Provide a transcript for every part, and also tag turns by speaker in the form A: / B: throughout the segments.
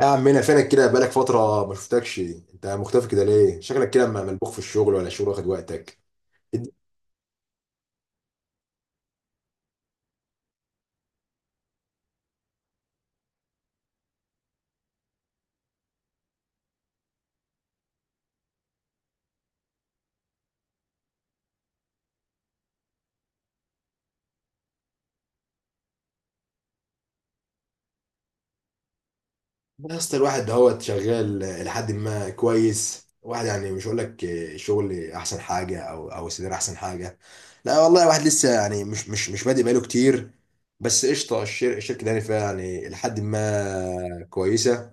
A: يا عمنا فينك كده بقالك فترة ما شفتكش انت مختفي كده ليه؟ شكلك كده ملبوخ في الشغل ولا الشغل واخد وقتك؟ الد- يا اسطى الواحد هو شغال لحد ما كويس. واحد يعني مش هقول لك الشغل احسن حاجة او السيدر احسن حاجة. لا والله الواحد لسه يعني مش بادئ بقاله كتير. بس قشطة الشركة دي يعني فيها يعني لحد ما كويسة.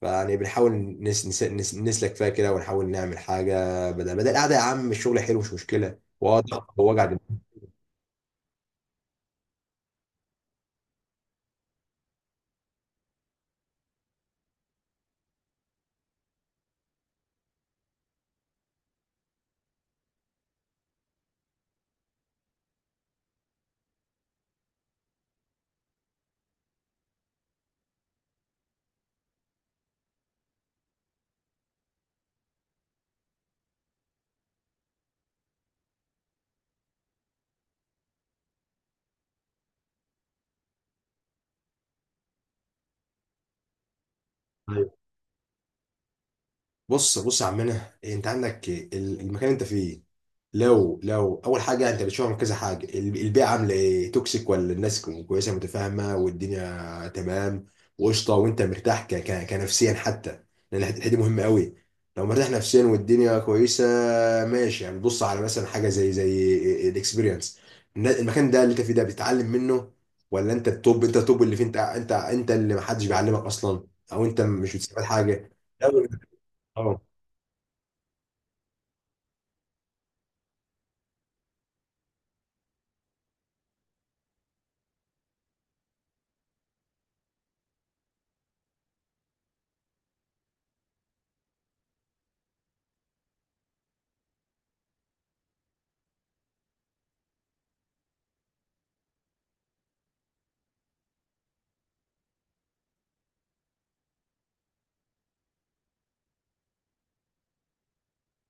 A: فيعني بنحاول نس نس نس نسلك فيها كده ونحاول نعمل حاجة بدل القعدة. يا عم الشغل حلو، مش مشكلة، وضغط ووجع دماغ. بص يا عمنا، انت عندك المكان اللي انت فيه. لو اول حاجه انت بتشوف من كذا حاجه، البيئه عامله ايه، توكسيك ولا الناس كويسه متفاهمه والدنيا تمام وقشطه، وانت مرتاح ك ك كنفسيا حتى، لان الحتة دي مهمه قوي. لو مرتاح نفسيا والدنيا كويسه، ماشي. يعني بص على مثلا حاجه زي الاكسبيرينس، المكان ده اللي انت فيه ده بتتعلم منه، ولا انت التوب اللي فيه، انت اللي محدش بيعلمك اصلا، او انت مش بتستفاد حاجه؟ لو- اه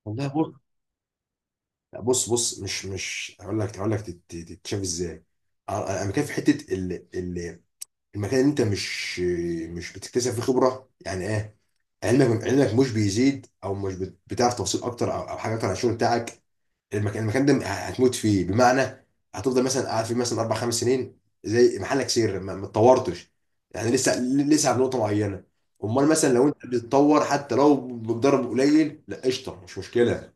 A: والله. بص، مش هقول لك تتشاف ازاي. انا كان في حته ال- المكان اللي انت مش بتكتسب فيه خبره، يعني ايه، علمك مش بيزيد، او مش بتعرف توصيل اكتر او حاجه اكتر عن الشغل بتاعك. المكان ده هتموت فيه، بمعنى هتفضل مثلا قاعد فيه مثلا اربع خمس سنين زي محلك سر ما اتطورتش، يعني لسه على نقطه معينه. امال مثلا لو انت بتتطور حتى لو بضرب قليل، لا قشطه، مش مشكله،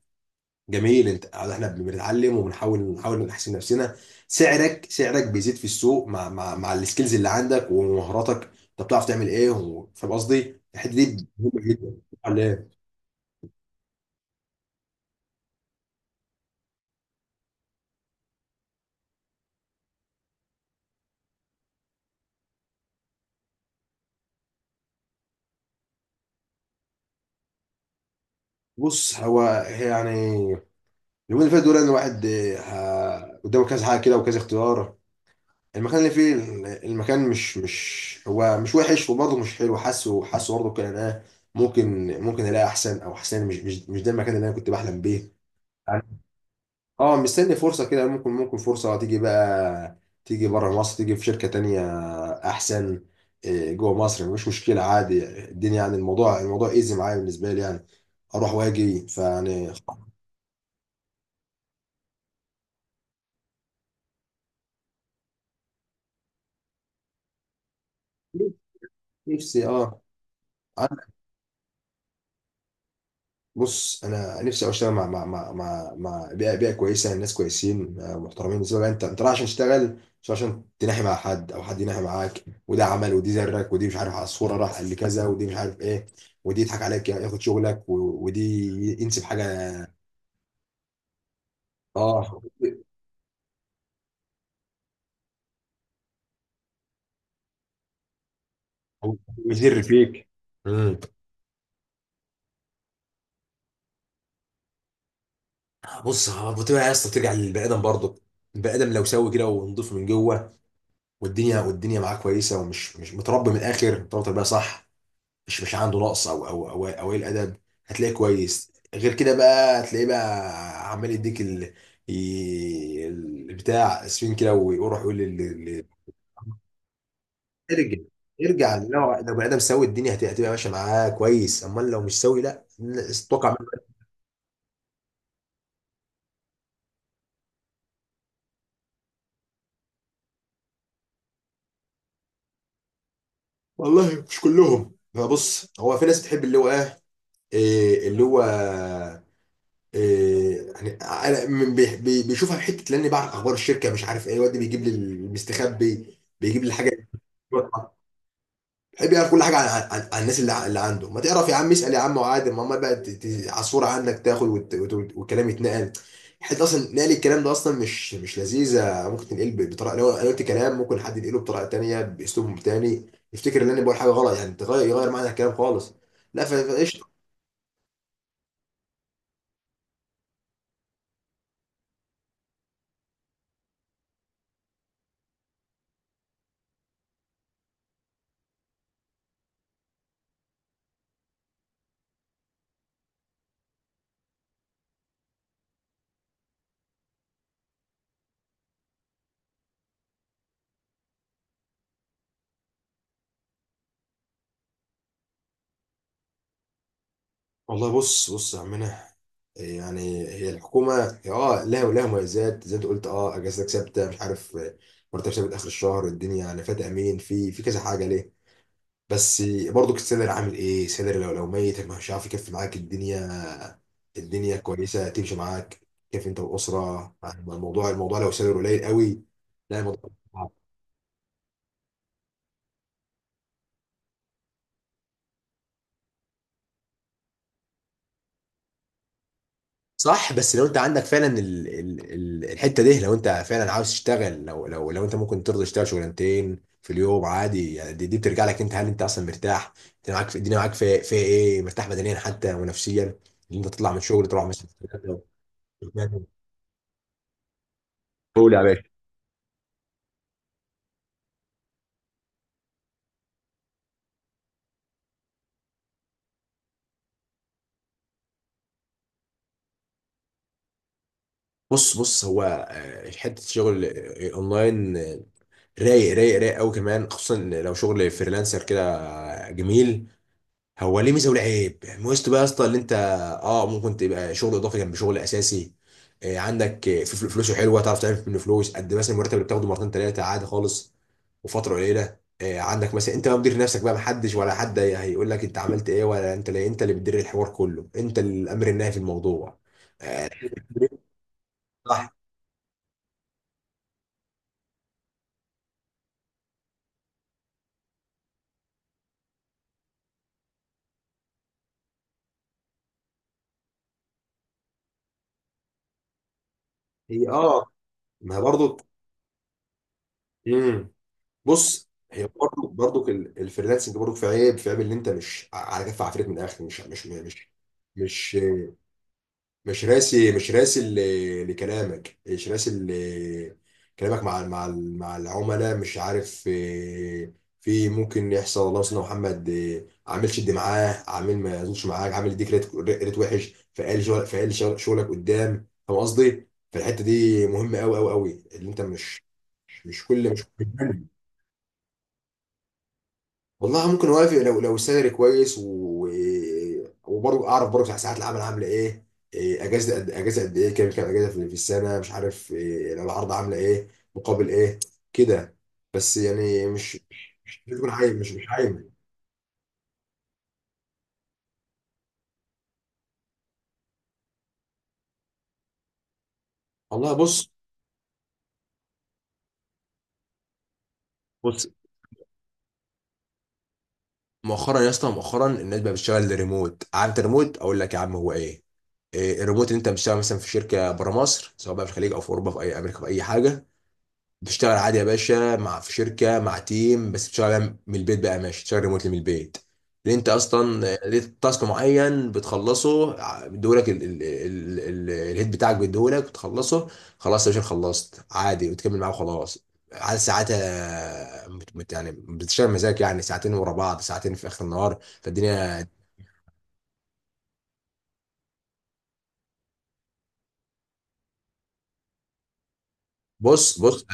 A: جميل. انت احنا بنتعلم، وبنحاول نحسن نفسنا، سعرك بيزيد في السوق مع السكيلز اللي عندك ومهاراتك، انت بتعرف تعمل ايه، فاهم قصدي، الحته دي مهمه جدا، على ايه؟ بص هو، يعني اليومين اللي فاتوا دول ان الواحد قدامه كذا حاجه كده وكذا اختيار. المكان اللي فيه المكان مش هو، مش وحش وبرضه مش حلو، حاسه برضه كان انا ممكن الاقي احسن، او احسن مش ده المكان اللي انا كنت بحلم بيه. اه، مستني فرصة كده، ممكن فرصة تيجي بقى، تيجي بره مصر، تيجي في شركة تانية أحسن. إيه، جوه مصر مش مشكلة عادي، الدنيا يعني الموضوع ايزي معايا بالنسبة لي، يعني أروح وأجي، فيعني نفسي، اه. بص انا نفسي أوي اشتغل مع بيئه كويسه، ناس كويسين، محترمين، بالنسبه لك، انت رايح عشان تشتغل، مش رايح عشان تناحي مع حد، او حد يناحي معاك وده عمل، ودي زرك، ودي مش عارف على الصوره، راح قال لي كذا، ودي مش عارف ايه، ودي يضحك عليك، ياخد شغلك، ودي ينسب حاجه. اه، ويدر فيك. امم. بص هو بتبقى يا اسطى، بترجع للبني ادم برضه. البني ادم لو سوي كده ونضيف من جوه، والدنيا معاه كويسه، ومش مش متربي، من الاخر متربي تربيه صح، مش عنده نقص او قليل ادب، هتلاقيه كويس. غير كده بقى هتلاقيه بقى عمال يديك البتاع، اسفين كده، ويروح يقول لل- ارجع ارجع. لو بني ادم سوي، الدنيا هتبقى ماشيه معاه كويس. امال لو مش سوي، لا، الناس اتوقع منه. والله مش كلهم. فبص، هو في ناس بتحب اللي هو ايه، إيه اللي هو، إيه، يعني انا بيشوفها في حته، لاني بعرف اخبار الشركه، مش عارف ايه، الواد ده بيجيب لي المستخبي، بيجيب لي الحاجه، بحب يعرف كل حاجه عن الناس، اللي عنده. ما تعرف يا عم، اسال يا عم وعادي، ما هم بقى على الصوره عنك تاخد والكلام يتنقل. حتى اصلا نقل الكلام ده اصلا مش لذيذه، ممكن تنقل بطريقه، لو أنا قلت كلام ممكن حد ينقله بطريقه تانيه باسلوب تاني، يفتكر ان انا بقول حاجه غلط، يعني تغير يغير معنى الكلام خالص. لا، فقشطه. والله بص يا عمنا، يعني هي الحكومه، هي لها، ولها مميزات زي ما انت قلت، اجازتك ثابته، مش عارف، مرتب ثابت اخر الشهر، الدنيا يعني فات امين في كذا حاجه ليه. بس برضو السيلر عامل ايه، سيلر لو ميت مش عارف يكفي معاك الدنيا، الدنيا كويسه تمشي معاك، كيف انت والاسره. الموضوع لو سيلر قليل قوي، لا الموضوع صعب. صح. بس لو انت عندك فعلا ال ال ال الحته دي، لو انت فعلا عاوز تشتغل، لو انت ممكن ترضى تشتغل شغلانتين في اليوم عادي، يعني دي بترجع لك انت، هل انت اصلا مرتاح؟ انت معاك في الدنيا، معاك في ايه، مرتاح بدنيا حتى ونفسيا، ان انت تطلع من الشغل تروح مثلا تقول يا باشا. بص هو، حته شغل، اونلاين، رايق قوي كمان، خصوصا لو شغل فريلانسر كده، جميل. هو ليه ميزه وليه عيب، ميزته بقى يا اسطى اللي انت اه ممكن تبقى شغل اضافي جنب شغل اساسي، عندك في فلوسه حلوه، تعرف تعمل منه فلوس قد إيه، مثلا المرتب اللي بتاخده مرتين ثلاثه عادي خالص، وفتره قليله. عندك مثلا انت بقى مدير نفسك بقى، محدش، ولا حد هيقول لك انت عملت ايه ولا انت ليه، انت اللي بتدير الحوار كله، انت الامر النهائي في الموضوع. صح. هي ما هي برضو. امم. بص هي برضو الفريلانسنج برضو في عيب اللي انت مش على كف عفريت، من الاخر مش مش راسي، لكلامك، مش راسي ل- كلامك مع العملاء، مش عارف، في ممكن يحصل. والله مثلا محمد، عامل شد معاه، عامل ما يظبطش معاك، عامل يديك ريت وحش، شغلك قدام، فاهم قصدي؟ فالحته دي مهمه قوي. اللي انت مش مش كل مش والله ممكن اوافق، لو السالري كويس وبرضه اعرف برضه ساعات العمل عامله ايه، إيه، اجازه قد ايه، كام اجازه في السنه مش عارف، إيه، لو العرض عامله ايه، مقابل ايه كده. بس يعني مش بتكون حاجه، مش حاجه. والله بص مؤخرا يا اسطى، مؤخرا الناس بقى بتشتغل ريموت. عارف الريموت؟ اقول لك يا عم هو ايه. إيه، الريموت اللي انت بتشتغل مثلا في شركه بره مصر، سواء بقى في الخليج او في اوروبا، في اي امريكا، في اي حاجه، بتشتغل عادي يا باشا، مع في شركه، مع تيم، بس بتشتغل من البيت بقى، ماشي، بتشتغل ريموتلي من البيت، لان انت اصلا ليك تاسك معين بتخلصه، بيديهولك الهيد بتاعك بيديهولك بتخلصه، خلاص يا باشا، خلصت عادي، وتكمل معاه وخلاص. عاد ساعاتها يعني بتشتغل مزاج، يعني ساعتين ورا بعض، ساعتين في اخر النهار، فالدنيا. بص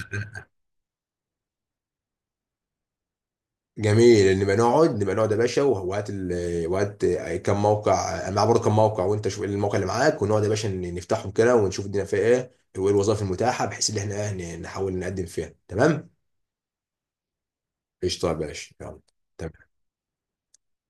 A: جميل، ان نبقى نقعد يا باشا، وهات وهات كم موقع، انا معايا برضه كم موقع، وانت شوف إيه الموقع اللي معاك، ونقعد يا باشا نفتحهم كده، ونشوف الدنيا فيها ايه، وايه الوظائف المتاحه، بحيث ان احنا نحاول نقدم فيها، تمام؟ قشطه يا باشا، يلا تمام